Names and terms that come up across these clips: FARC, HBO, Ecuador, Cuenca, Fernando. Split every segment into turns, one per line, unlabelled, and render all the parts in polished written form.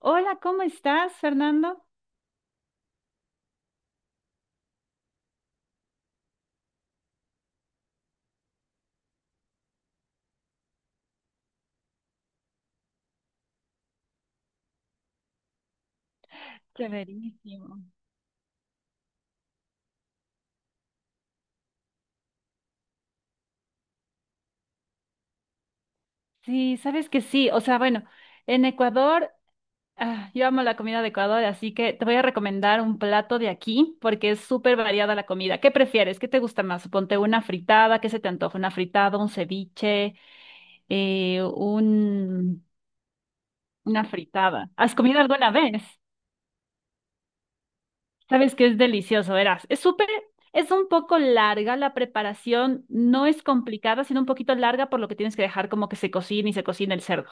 Hola, ¿cómo estás, Fernando? Chéverísimo. Sí, sabes que sí. O sea, bueno, en Ecuador, yo amo la comida de Ecuador, así que te voy a recomendar un plato de aquí porque es súper variada la comida. ¿Qué prefieres? ¿Qué te gusta más? Ponte una fritada, ¿qué se te antoja? Una fritada, un ceviche, eh, un, una fritada. ¿Has comido alguna vez? Sabes que es delicioso, verás. Es un poco larga la preparación, no es complicada, sino un poquito larga por lo que tienes que dejar como que se cocine y se cocine el cerdo.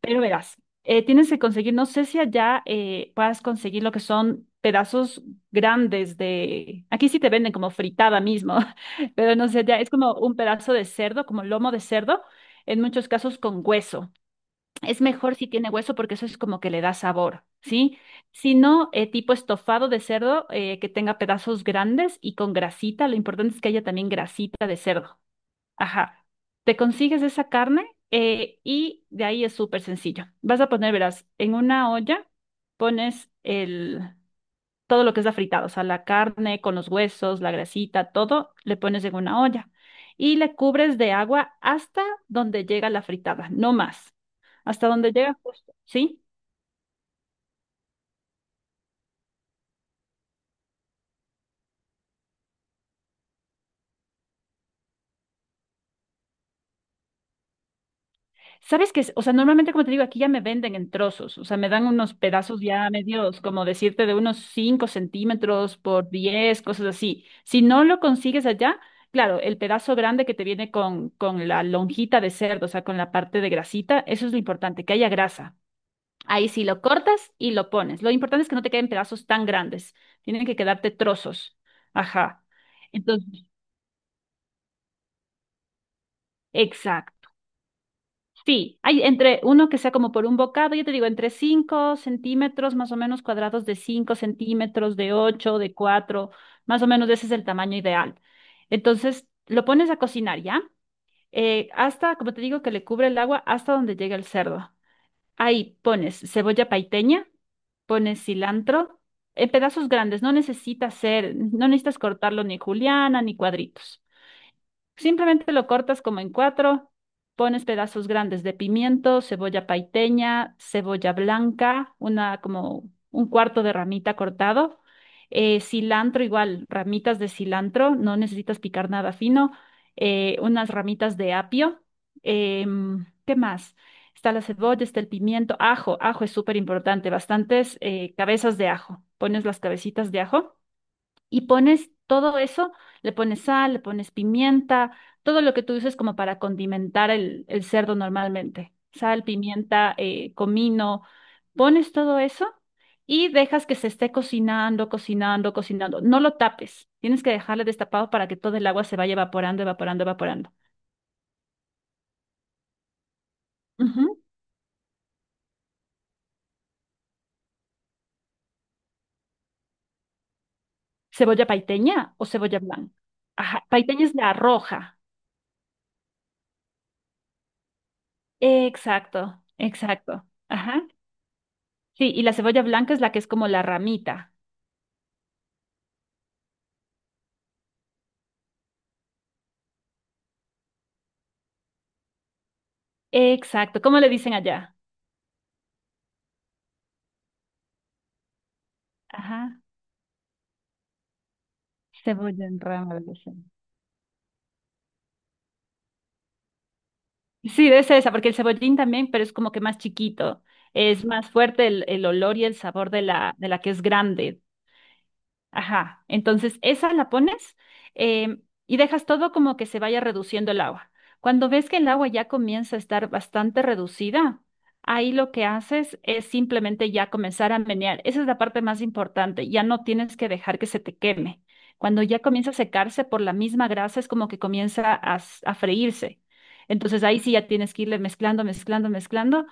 Pero verás, tienes que conseguir, no sé si allá puedas conseguir lo que son pedazos grandes de, aquí sí te venden como fritada mismo, pero no sé, ya es como un pedazo de cerdo, como lomo de cerdo, en muchos casos con hueso. Es mejor si tiene hueso porque eso es como que le da sabor, ¿sí? Si no, tipo estofado de cerdo que tenga pedazos grandes y con grasita. Lo importante es que haya también grasita de cerdo. Ajá. Te consigues esa carne y de ahí es súper sencillo. Vas a poner, verás, en una olla pones el, todo lo que es la fritada, o sea, la carne con los huesos, la grasita, todo, le pones en una olla y le cubres de agua hasta donde llega la fritada, no más, hasta donde llega justo, ¿sí? ¿Sabes qué? O sea, normalmente, como te digo, aquí ya me venden en trozos, o sea, me dan unos pedazos ya medios, como decirte, de unos 5 centímetros por 10 cosas así. Si no lo consigues allá, claro, el pedazo grande que te viene con la lonjita de cerdo, o sea, con la parte de grasita, eso es lo importante, que haya grasa. Ahí sí lo cortas y lo pones. Lo importante es que no te queden pedazos tan grandes. Tienen que quedarte trozos. Ajá. Entonces, exacto. Sí, hay entre uno que sea como por un bocado, yo te digo, entre 5 centímetros, más o menos cuadrados de 5 centímetros, de 8, de 4, más o menos ese es el tamaño ideal. Entonces, lo pones a cocinar, ¿ya? Hasta, como te digo, que le cubre el agua hasta donde llegue el cerdo. Ahí pones cebolla paiteña, pones cilantro en pedazos grandes, no necesita ser, no necesitas cortarlo ni juliana ni cuadritos. Simplemente lo cortas como en cuatro, pones pedazos grandes de pimiento, cebolla paiteña, cebolla blanca, una como un cuarto de ramita cortado, cilantro igual, ramitas de cilantro, no necesitas picar nada fino, unas ramitas de apio, ¿qué más? Está la cebolla, está el pimiento, ajo, ajo es súper importante, bastantes cabezas de ajo, pones las cabecitas de ajo y pones todo eso, le pones sal, le pones pimienta, todo lo que tú uses como para condimentar el cerdo normalmente. Sal, pimienta, comino, pones todo eso y dejas que se esté cocinando, cocinando, cocinando. No lo tapes, tienes que dejarle destapado para que todo el agua se vaya evaporando, evaporando, evaporando. Ujú. ¿Cebolla paiteña o cebolla blanca? Ajá, paiteña es la roja. Exacto, exacto. Ajá. Sí, y la cebolla blanca es la que es como la ramita. Exacto, ¿cómo le dicen allá? Ajá, cebolla en rama, le dicen. Sí, debe ser esa, porque el cebollín también, pero es como que más chiquito. Es más fuerte el olor y el sabor de de la que es grande. Ajá, entonces esa la pones y dejas todo como que se vaya reduciendo el agua. Cuando ves que el agua ya comienza a estar bastante reducida, ahí lo que haces es simplemente ya comenzar a menear. Esa es la parte más importante, ya no tienes que dejar que se te queme. Cuando ya comienza a secarse por la misma grasa, es como que comienza a, a freírse. Entonces ahí sí ya tienes que irle mezclando, mezclando, mezclando.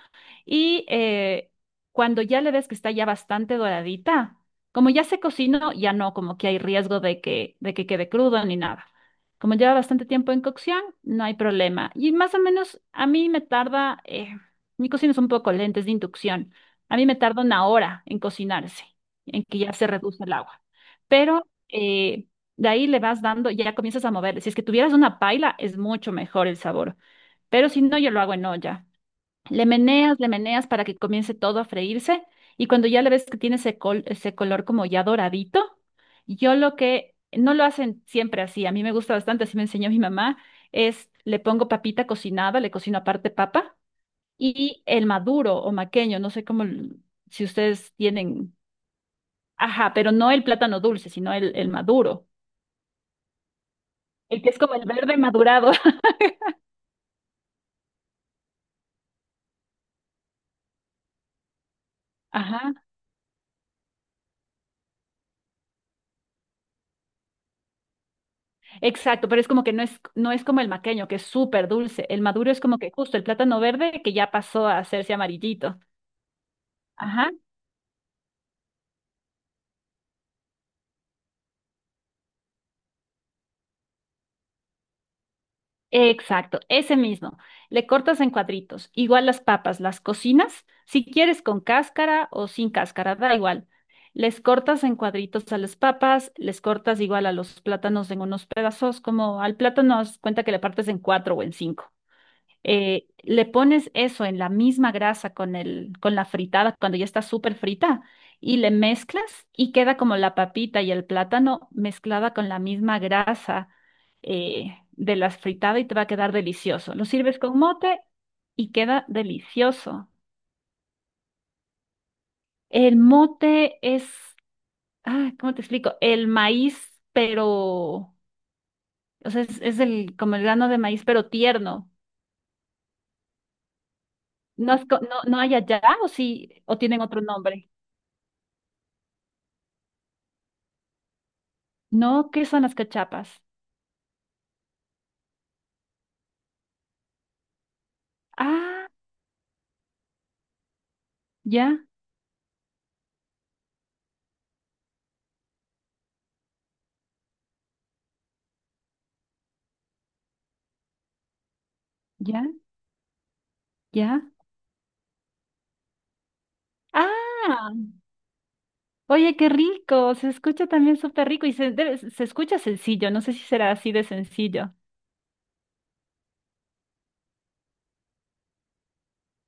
Y cuando ya le ves que está ya bastante doradita, como ya se cocinó, ya no como que hay riesgo de de que quede crudo ni nada. Como lleva bastante tiempo en cocción, no hay problema. Y más o menos a mí me tarda, mi cocina es un poco lenta, es de inducción. A mí me tarda 1 hora en cocinarse, en que ya se reduce el agua. Pero de ahí le vas dando, ya comienzas a mover. Si es que tuvieras una paila, es mucho mejor el sabor. Pero si no, yo lo hago en olla. Le meneas para que comience todo a freírse y cuando ya le ves que tiene ese, ese color como ya doradito, yo lo que no lo hacen siempre así, a mí me gusta bastante, así me enseñó mi mamá, es le pongo papita cocinada, le cocino aparte papa y el maduro o maqueño, no sé cómo, si ustedes tienen, ajá, pero no el plátano dulce, sino el maduro, el que es como el verde madurado, ajá. Exacto, pero es como que no es, no es como el maqueño, que es súper dulce. El maduro es como que justo el plátano verde que ya pasó a hacerse amarillito. Ajá. Exacto, ese mismo. Le cortas en cuadritos. Igual las papas, las cocinas, si quieres con cáscara o sin cáscara, da igual. Les cortas en cuadritos a las papas, les cortas igual a los plátanos en unos pedazos, como al plátano haz cuenta que le partes en cuatro o en cinco. Le pones eso en la misma grasa con con la fritada cuando ya está súper frita y le mezclas y queda como la papita y el plátano mezclada con la misma grasa de las fritadas y te va a quedar delicioso. Lo sirves con mote y queda delicioso. El mote es, ah, ¿cómo te explico? El maíz, pero, o sea, como el grano de maíz, pero tierno. No, no, no hay allá o sí, o tienen otro nombre. No, ¿qué son las cachapas? Ah, ya, ya, ya. Ah, oye, qué rico. Se escucha también súper rico y se, se escucha sencillo. No sé si será así de sencillo.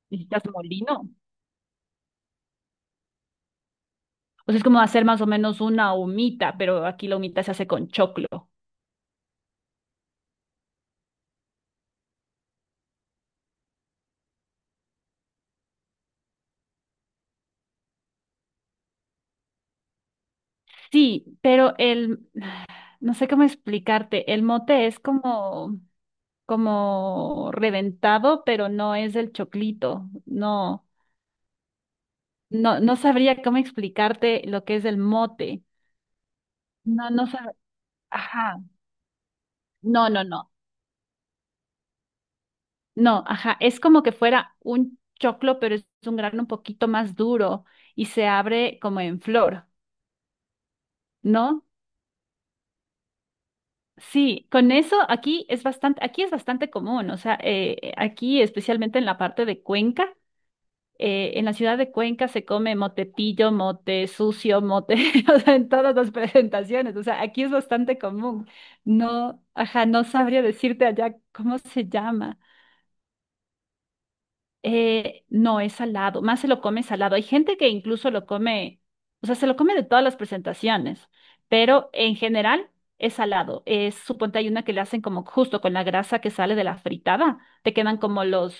¿Necesitas molino? O sea, es como hacer más o menos una humita, pero aquí la humita se hace con choclo. Sí, pero el, no sé cómo explicarte, el mote es como, como reventado, pero no es el choclito. No, no, no sabría cómo explicarte lo que es el mote. No, no sabe. Ajá. No, no, no. No, ajá. Es como que fuera un choclo, pero es un grano un poquito más duro y se abre como en flor, ¿no? Sí, con eso aquí es bastante común. O sea, aquí especialmente en la parte de Cuenca, en la ciudad de Cuenca se come motetillo, mote sucio, mote, o sea, en todas las presentaciones. O sea, aquí es bastante común. No, ajá, no sabría decirte allá cómo se llama. No, es salado, más se lo come salado. Hay gente que incluso lo come, o sea, se lo come de todas las presentaciones, pero en general es salado. Es, suponte hay una que le hacen como justo con la grasa que sale de la fritada, te quedan como los,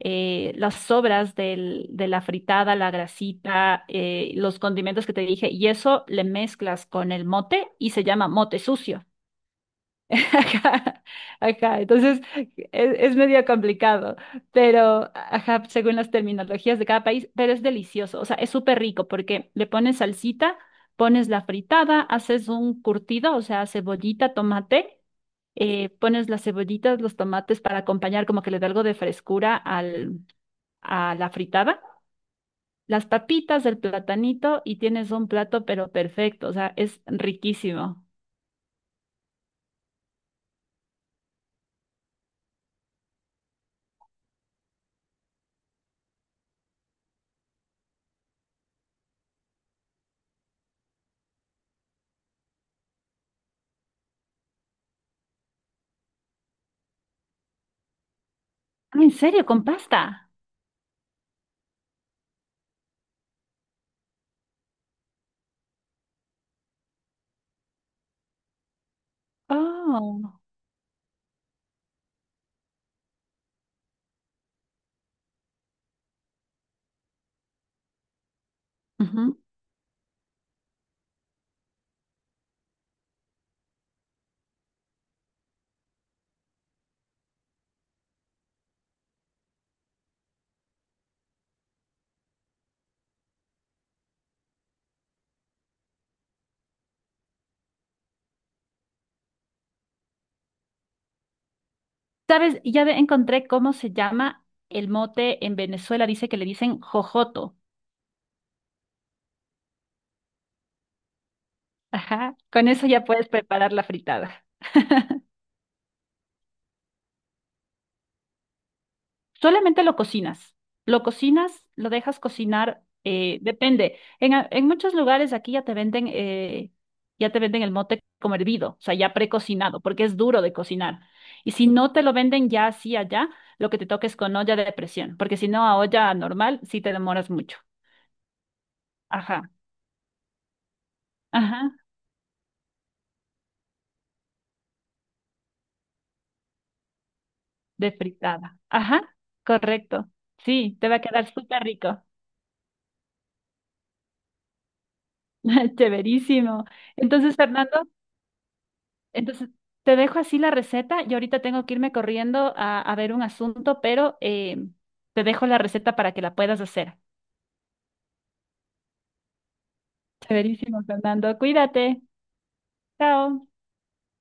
las sobras de la fritada, la grasita, los condimentos que te dije, y eso le mezclas con el mote y se llama mote sucio. Ajá, ajá, entonces es, medio complicado, pero ajá, según las terminologías de cada país, pero es delicioso, o sea, es súper rico porque le pones salsita, pones la fritada, haces un curtido, o sea, cebollita, tomate, pones las cebollitas, los tomates para acompañar, como que le da algo de frescura a la fritada, las papitas, el platanito y tienes un plato, pero perfecto, o sea, es riquísimo. Ah, ¿en serio? ¿Con pasta? Oh. Ujú. ¿Sabes? Encontré cómo se llama el mote en Venezuela. Dice que le dicen jojoto. Ajá. Con eso ya puedes preparar la fritada. Solamente lo cocinas. Lo cocinas, lo dejas cocinar. Depende. En muchos lugares aquí ya te venden el mote como hervido, o sea, ya precocinado, porque es duro de cocinar. Y si no te lo venden ya así allá, lo que te toques con olla de presión, porque si no a olla normal sí te demoras mucho. Ajá. Ajá. De fritada. Ajá, correcto. Sí, te va a quedar súper rico. Chéverísimo. Entonces, Fernando, entonces te dejo así la receta. Yo ahorita tengo que irme corriendo a ver un asunto, pero te dejo la receta para que la puedas hacer. Chéverísimo, Fernando. Cuídate. Chao.